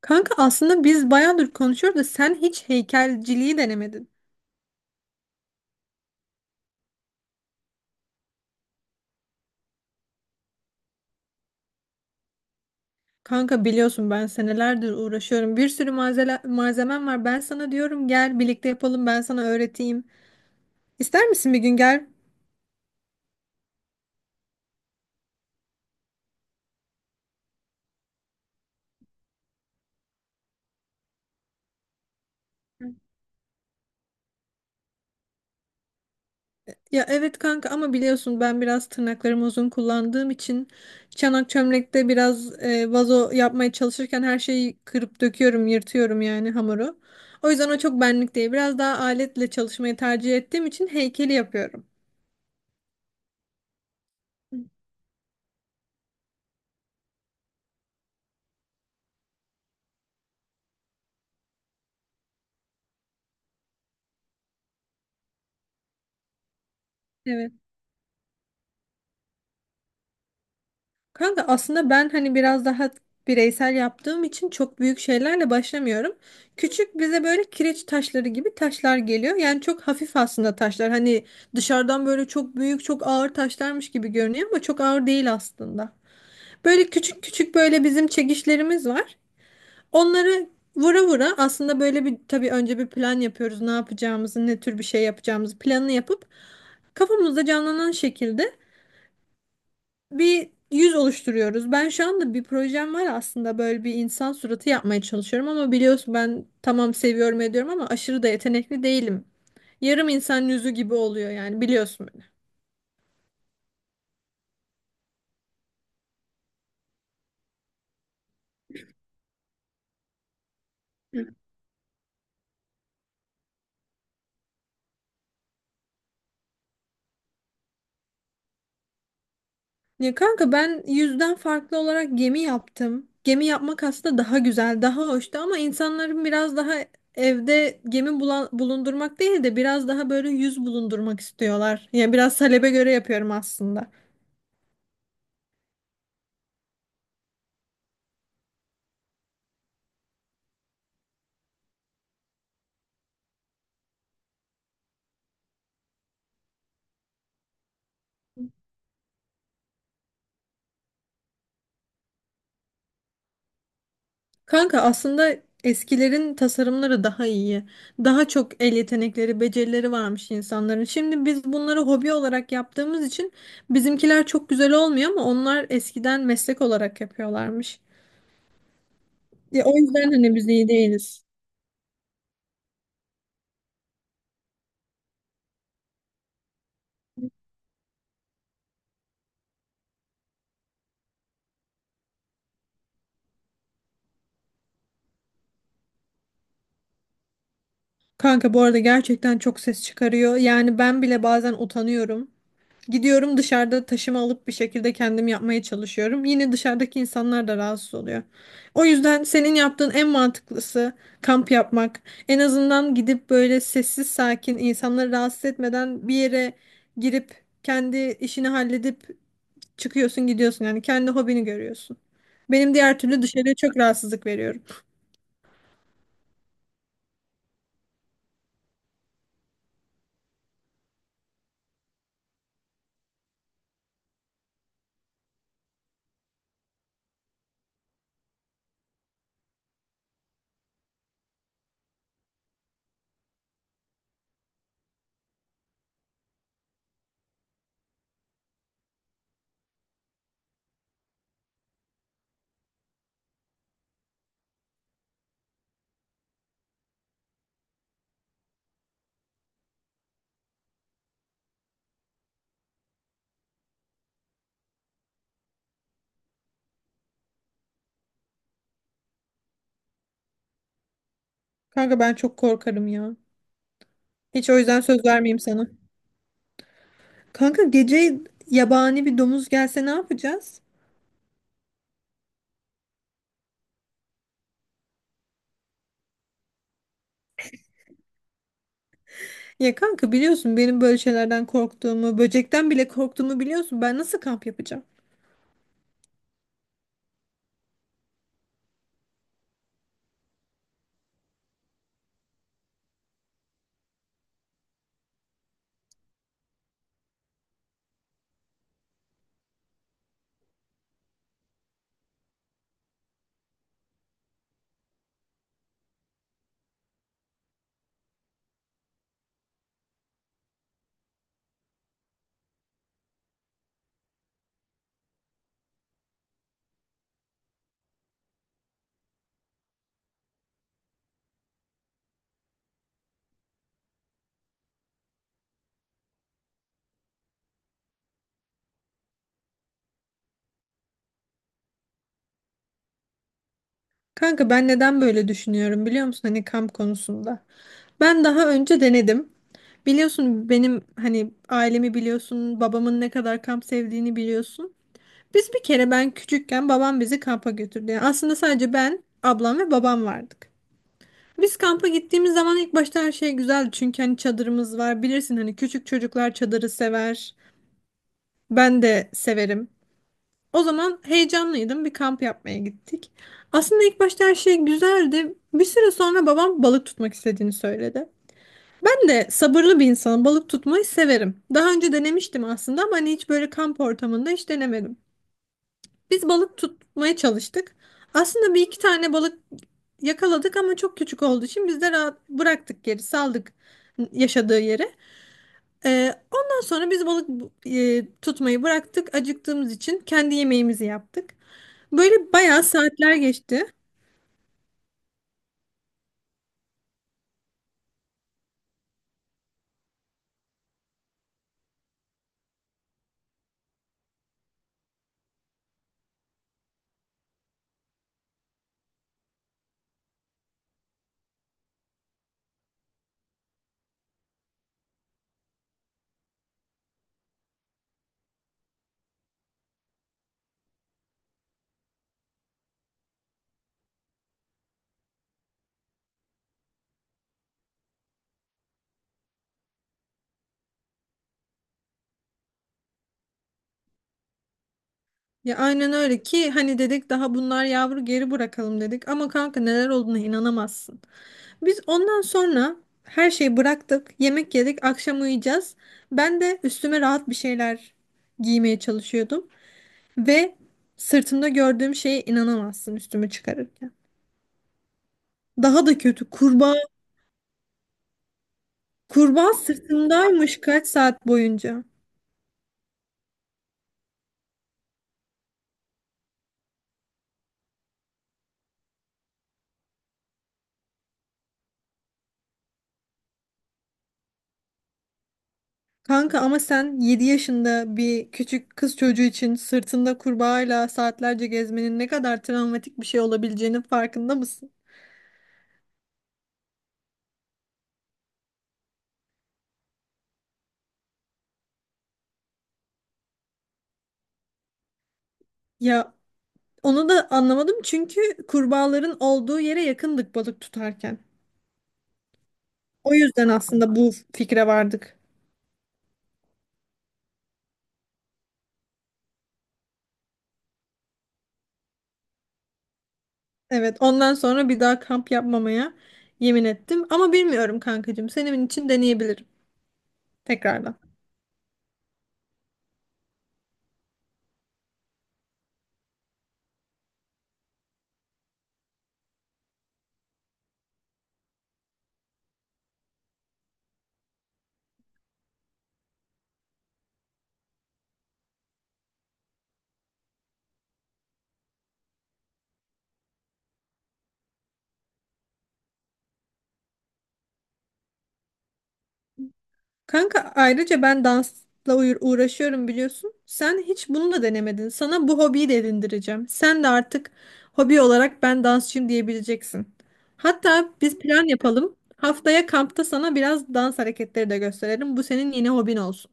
Kanka aslında biz bayağıdır konuşuyoruz da sen hiç heykelciliği denemedin. Kanka biliyorsun ben senelerdir uğraşıyorum. Bir sürü malzemem var. Ben sana diyorum gel birlikte yapalım ben sana öğreteyim. İster misin bir gün gel? Ya evet kanka ama biliyorsun ben biraz tırnaklarımı uzun kullandığım için çanak çömlekte biraz vazo yapmaya çalışırken her şeyi kırıp döküyorum, yırtıyorum yani hamuru. O yüzden o çok benlik değil. Biraz daha aletle çalışmayı tercih ettiğim için heykeli yapıyorum. Evet. Kanka aslında ben hani biraz daha bireysel yaptığım için çok büyük şeylerle başlamıyorum. Küçük bize böyle kireç taşları gibi taşlar geliyor. Yani çok hafif aslında taşlar. Hani dışarıdan böyle çok büyük, çok ağır taşlarmış gibi görünüyor ama çok ağır değil aslında. Böyle küçük küçük böyle bizim çekişlerimiz var. Onları vura vura aslında böyle bir tabii önce bir plan yapıyoruz. Ne yapacağımızı, ne tür bir şey yapacağımızı planını yapıp kafamızda canlanan şekilde bir yüz oluşturuyoruz. Ben şu anda bir projem var aslında böyle bir insan suratı yapmaya çalışıyorum ama biliyorsun ben tamam seviyorum ediyorum ama aşırı da yetenekli değilim. Yarım insan yüzü gibi oluyor yani biliyorsun beni. Ya kanka ben yüzden farklı olarak gemi yaptım. Gemi yapmak aslında daha güzel, daha hoştu ama insanların biraz daha evde bulundurmak değil de biraz daha böyle yüz bulundurmak istiyorlar. Yani biraz talebe göre yapıyorum aslında. Kanka aslında eskilerin tasarımları daha iyi. Daha çok el yetenekleri, becerileri varmış insanların. Şimdi biz bunları hobi olarak yaptığımız için bizimkiler çok güzel olmuyor ama onlar eskiden meslek olarak yapıyorlarmış. Ya, o yüzden hani biz iyi değiliz. Kanka bu arada gerçekten çok ses çıkarıyor. Yani ben bile bazen utanıyorum. Gidiyorum dışarıda taşıma alıp bir şekilde kendim yapmaya çalışıyorum. Yine dışarıdaki insanlar da rahatsız oluyor. O yüzden senin yaptığın en mantıklısı kamp yapmak. En azından gidip böyle sessiz sakin insanları rahatsız etmeden bir yere girip kendi işini halledip çıkıyorsun gidiyorsun. Yani kendi hobini görüyorsun. Benim diğer türlü dışarıya çok rahatsızlık veriyorum. Kanka ben çok korkarım ya. Hiç o yüzden söz vermeyeyim sana. Kanka gece yabani bir domuz gelse ne yapacağız? Ya kanka biliyorsun benim böyle şeylerden korktuğumu, böcekten bile korktuğumu biliyorsun. Ben nasıl kamp yapacağım? Kanka ben neden böyle düşünüyorum biliyor musun? Hani kamp konusunda. Ben daha önce denedim. Biliyorsun benim hani ailemi biliyorsun, babamın ne kadar kamp sevdiğini biliyorsun. Biz bir kere ben küçükken babam bizi kampa götürdü. Yani aslında sadece ben, ablam ve babam vardık. Biz kampa gittiğimiz zaman ilk başta her şey güzeldi. Çünkü hani çadırımız var. Bilirsin hani küçük çocuklar çadırı sever. Ben de severim. O zaman heyecanlıydım. Bir kamp yapmaya gittik. Aslında ilk başta her şey güzeldi. Bir süre sonra babam balık tutmak istediğini söyledi. Ben de sabırlı bir insanım. Balık tutmayı severim. Daha önce denemiştim aslında ama hani hiç böyle kamp ortamında hiç denemedim. Biz balık tutmaya çalıştık. Aslında bir iki tane balık yakaladık ama çok küçük olduğu için biz de rahat bıraktık geri, saldık yaşadığı yere. Ondan sonra biz tutmayı bıraktık. Acıktığımız için kendi yemeğimizi yaptık. Böyle bayağı saatler geçti. Ya aynen öyle ki hani dedik daha bunlar yavru geri bırakalım dedik. Ama kanka neler olduğuna inanamazsın. Biz ondan sonra her şeyi bıraktık. Yemek yedik. Akşam uyuyacağız. Ben de üstüme rahat bir şeyler giymeye çalışıyordum. Ve sırtımda gördüğüm şeye inanamazsın üstümü çıkarırken. Daha da kötü, kurbağa. Kurbağa sırtındaymış kaç saat boyunca. Kanka ama sen 7 yaşında bir küçük kız çocuğu için sırtında kurbağayla saatlerce gezmenin ne kadar travmatik bir şey olabileceğinin farkında mısın? Ya onu da anlamadım çünkü kurbağaların olduğu yere yakındık balık tutarken. O yüzden aslında bu fikre vardık. Evet, ondan sonra bir daha kamp yapmamaya yemin ettim. Ama bilmiyorum kankacığım. Senin için deneyebilirim tekrardan. Kanka ayrıca ben dansla uğraşıyorum biliyorsun. Sen hiç bunu da denemedin. Sana bu hobiyi de edindireceğim. Sen de artık hobi olarak ben dansçıyım diyebileceksin. Hatta biz plan yapalım. Haftaya kampta sana biraz dans hareketleri de gösterelim. Bu senin yeni hobin olsun.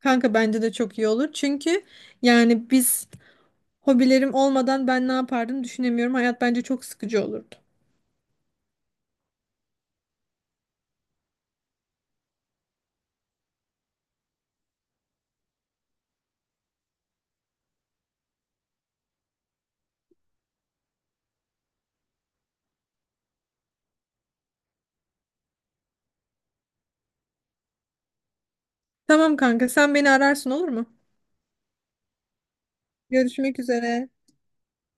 Kanka bence de çok iyi olur. Çünkü yani biz hobilerim olmadan ben ne yapardım düşünemiyorum. Hayat bence çok sıkıcı olurdu. Tamam kanka, sen beni ararsın olur mu? Görüşmek üzere.